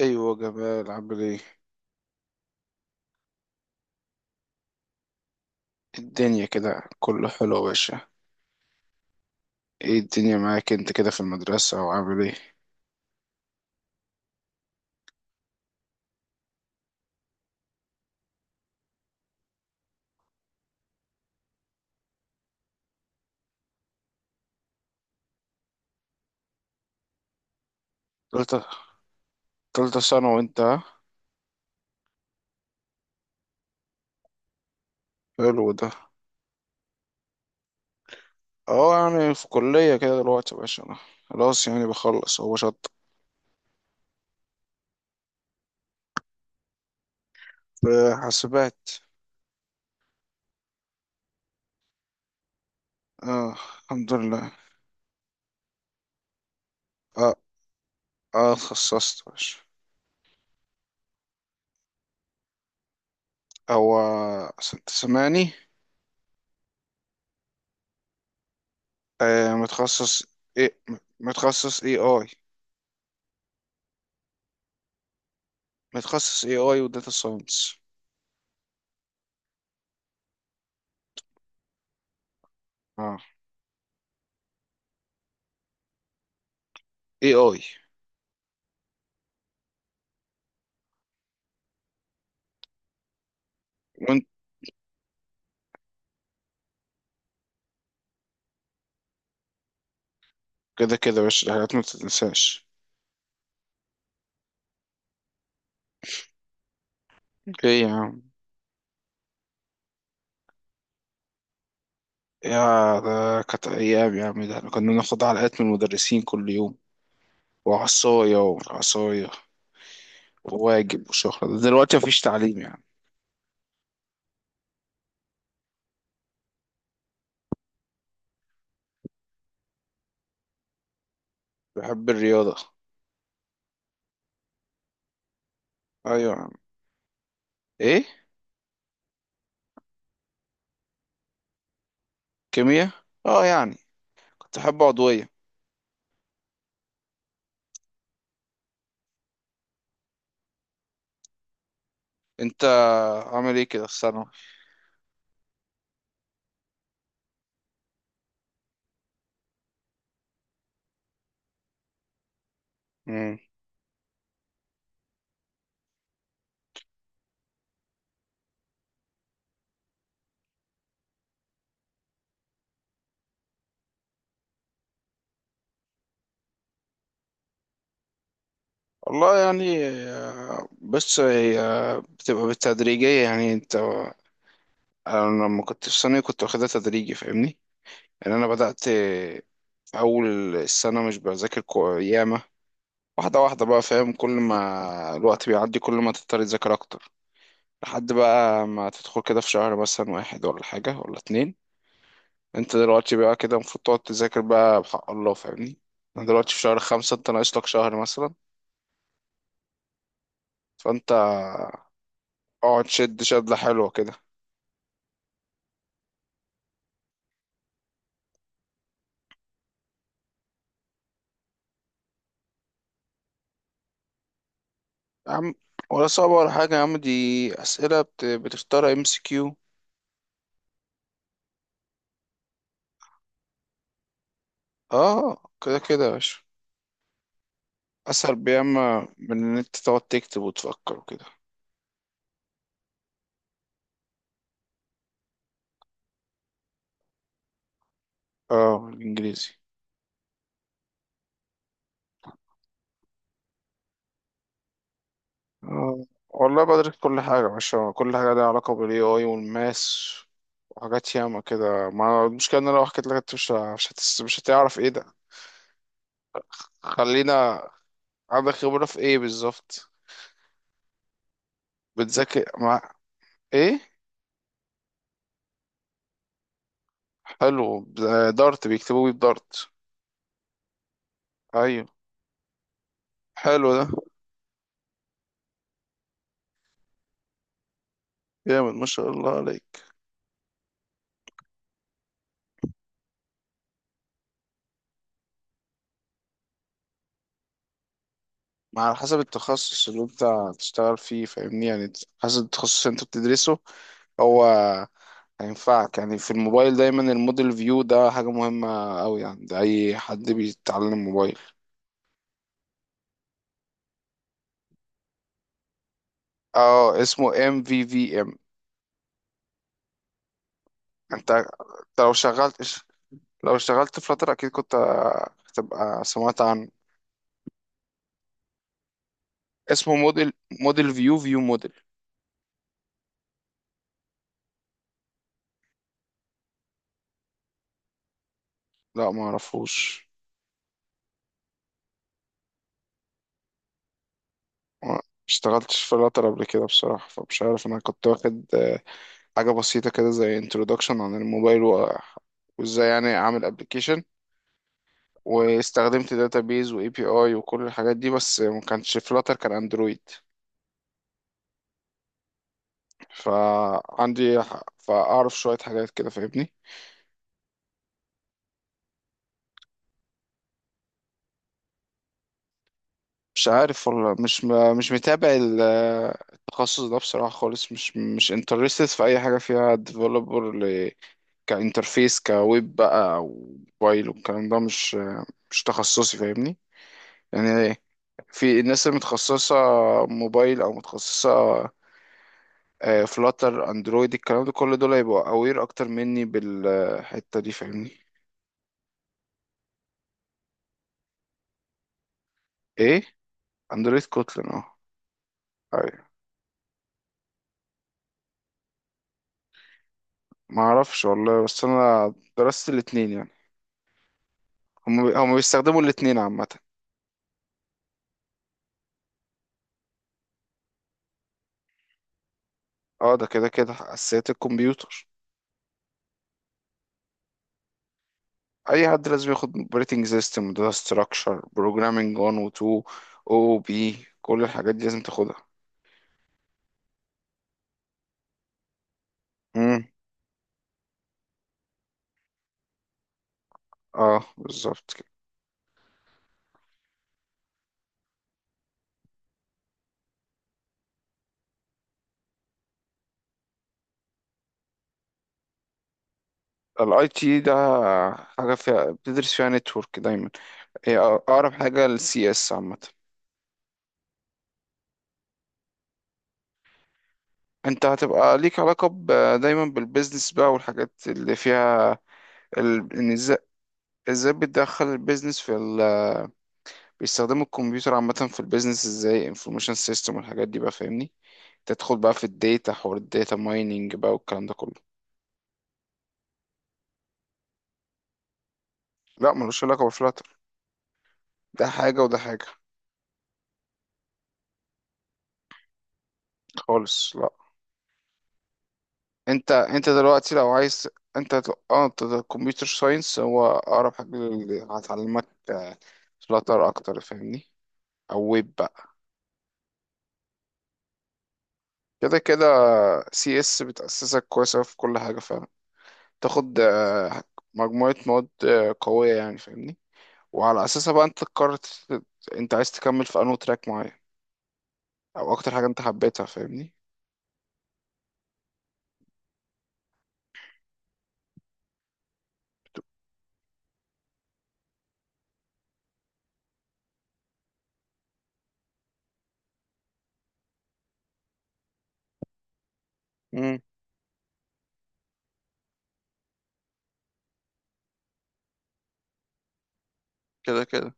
ايوه جمال، عامل ايه الدنيا؟ كده كله حلو يا باشا. ايه الدنيا معاك انت كده في المدرسة وعامل ايه؟ تالتة، تالتة ثانوي وانت ها؟ حلو ده. اه يعني في كلية كده دلوقتي يا باشا. انا خلاص يعني بخلص. هو شط في حاسبات. اه الحمد لله. اه اه اتخصصت يا باشا. هو عشان تسمعني. آه متخصص. ايه؟ متخصص اي اي. متخصص اي اي وداتا ساينس. اه اي اي. كده كده يا باشا الحاجات ما بتتنساش. ايه يا عم؟ يا ده كانت ايام يا عم، ده احنا كنا بناخد علقات من المدرسين كل يوم، وعصاية وعصاية، وواجب وشهرة. ده دلوقتي مفيش تعليم يعني. بحب الرياضة. ايوه يا عم. ايه؟ كيمياء، اه يعني كنت بحب عضوية. انت عامل ايه كده في الثانوي؟ مم. والله يعني بس هي بتبقى بالتدريجية يعني. انت، انا لما كنت في ثانوي كنت واخدها تدريجي فاهمني؟ يعني انا بدأت أول السنة مش بذاكر ياما. واحدة واحدة بقى، فاهم؟ كل ما الوقت بيعدي كل ما تضطر تذاكر أكتر، لحد بقى ما تدخل كده في شهر مثلا واحد ولا حاجة ولا اتنين. أنت دلوقتي بقى كده المفروض تقعد تذاكر بقى بحق الله فاهمني؟ أنا دلوقتي في شهر خمسة، أنت ناقص لك شهر مثلا، فأنت اقعد شد شدلة حلوة كده. يا عم، ولا صعبة ولا حاجة يا عم، دي أسئلة بتختار ام سي كيو. اه كده كده يا باشا، أسهل بياما من إن أنت تقعد تكتب وتفكر وكده. اه الانجليزي. آه. والله بدرس كل حاجة يا باشا، كل حاجة ليها علاقة بال AI والماس وحاجات ياما كده. ما المشكلة ان انا لو حكيت لك انت مش ه- مش هتس... مش هتعرف ايه ده. خلينا، عندك خبرة في ايه بالظبط؟ بتذاكر مع ايه؟ حلو. دارت، بيكتبوا بيه بدارت؟ ايوه. حلو ده. جامد ما شاء الله عليك. ما على حسب التخصص اللي انت هتشتغل فيه فاهمني؟ يعني حسب التخصص اللي انت بتدرسه هو هينفعك. يعني في الموبايل دايما الموديل فيو ده حاجة مهمة أوي يعني، ده أي حد بيتعلم موبايل. اه اسمه ام في في ام. أنت لو شغلت، لو اشتغلت فلاتر أكيد كنت هتبقى سمعت عنه. اسمه موديل، موديل فيو، فيو موديل. لا ما اعرفوش. ما اشتغلتش في فلاتر قبل كده بصراحة، فمش عارف. أنا كنت واخد حاجة بسيطة كده زي introduction عن الموبايل وازاي يعني أعمل application، واستخدمت داتابيز واي بي اي وكل الحاجات دي، بس ما كانش فلاتر، كان اندرويد. فعندي فاعرف شوية حاجات كده فاهمني؟ مش عارف والله، مش متابع التخصص ده بصراحة خالص. مش مش انترستد في اي حاجة فيها ديفلوبر ل... كانترفيس كويب بقى او موبايل والكلام ده، مش مش تخصصي فاهمني يعني. في الناس اللي متخصصة موبايل او متخصصة فلاتر اندرويد الكلام ده، كل دول هيبقوا اوير اكتر مني بالحته دي فاهمني؟ ايه اندرويد كوتلين اه. ايوه. ما اعرفش والله، بس انا درست الاتنين يعني. هم بيستخدموا الاتنين عامه. اه ده كده كده اساسيات الكمبيوتر. اي حد لازم ياخد اوبريتنج سيستم، داتا ستراكشر، بروجرامينج 1 و 2، او بي، كل الحاجات دي لازم تاخدها. امم. اه بالظبط كده. الاي تي ده حاجه فيها بتدرس فيها نتورك دايما، هي اقرب حاجه للسي اس عامه. انت هتبقى ليك علاقة دايما بالبيزنس بقى والحاجات اللي فيها ال... ان ازاي، ازاي بتدخل البيزنس في ال... بيستخدموا الكمبيوتر عامة في البيزنس ازاي، انفورميشن سيستم والحاجات دي بقى فاهمني؟ تدخل بقى في الداتا، حوار الداتا مايننج بقى والكلام ده كله. لا ملوش علاقة بفلاتر، ده حاجة وده حاجة خالص، لا. انت دلوقتي لو عايز، اه انت كمبيوتر ساينس هو اقرب حاجة اللي هتعلمك فلاتر اكتر فاهمني. او ويب بقى. كده كده سي اس بتأسسك كويسة في كل حاجة، فاهم؟ تاخد مجموعة مواد قوية يعني فاهمني؟ وعلى أساسها بقى أنت تقرر أنت عايز تكمل في أنو تراك معين، أو أكتر حاجة أنت حبيتها فاهمني؟ امم. كده كده.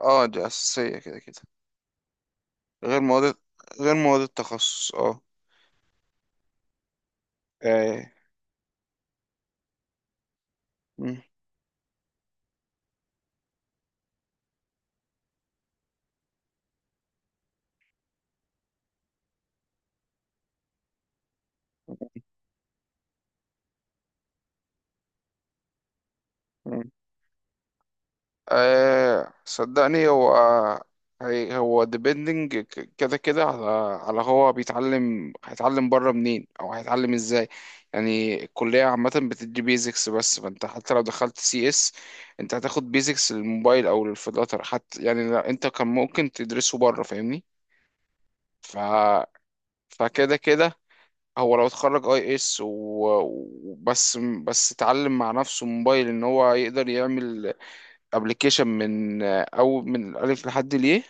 اه دي اساسيه كده كده. غير مواد، غير مواد التخصص اه. آه. مم. مم. آه صدقني هو، هو ديبندنج كده كده على، على هو بيتعلم، هيتعلم بره منين او هيتعلم ازاي. يعني الكلية عامة بتدي بيزكس بس، فانت حتى لو دخلت سي اس انت هتاخد بيزكس للموبايل او للفلاتر حتى يعني. لا انت كان ممكن تدرسه بره فاهمني؟ ف فكده كده. هو لو اتخرج اي اس وبس، بس اتعلم مع نفسه موبايل ان هو يقدر يعمل ابلكيشن من او من الالف لحد ليه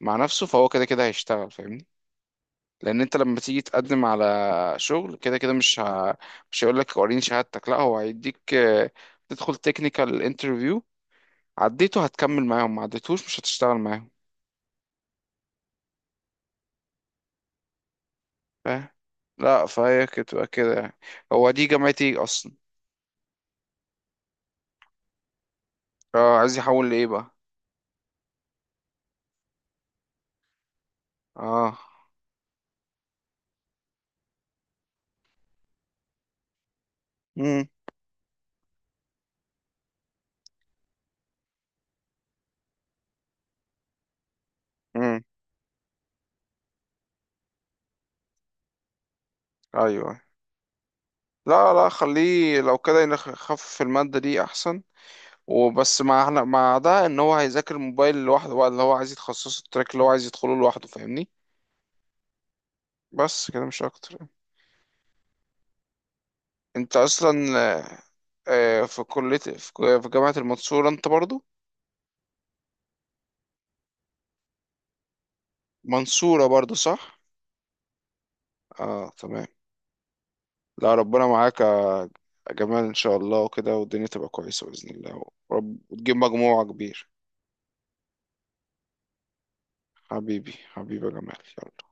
مع نفسه، فهو كده كده هيشتغل فاهمني؟ لان انت لما تيجي تقدم على شغل كده كده مش هيقول لك وريني شهادتك، لا هو هيديك تدخل تكنيكال انترفيو، عديته هتكمل معاهم، ما عديتوش مش هتشتغل معاهم. فاهم؟ لا فهي كده تبقى كده يعني. هو دي جامعتي ايه اصلا؟ اه عايز يحول لايه بقى؟ اه. امم. امم. ايوه. لا لا خليه لو كده يخفف المادة دي احسن، وبس مع احنا مع ده ان هو هيذاكر الموبايل لوحده بقى، اللي هو عايز يتخصصه، التراك اللي هو عايز يدخله لوحده فاهمني. بس كده مش اكتر يعني. انت اصلا في كلية في جامعة المنصورة انت برضو، منصورة برضو صح؟ اه تمام. لا ربنا معاك يا جمال ان شاء الله وكده، والدنيا تبقى كويسة بإذن الله ورب، وتجيب مجموعة كبير. حبيبي حبيبي يا جمال. يلا.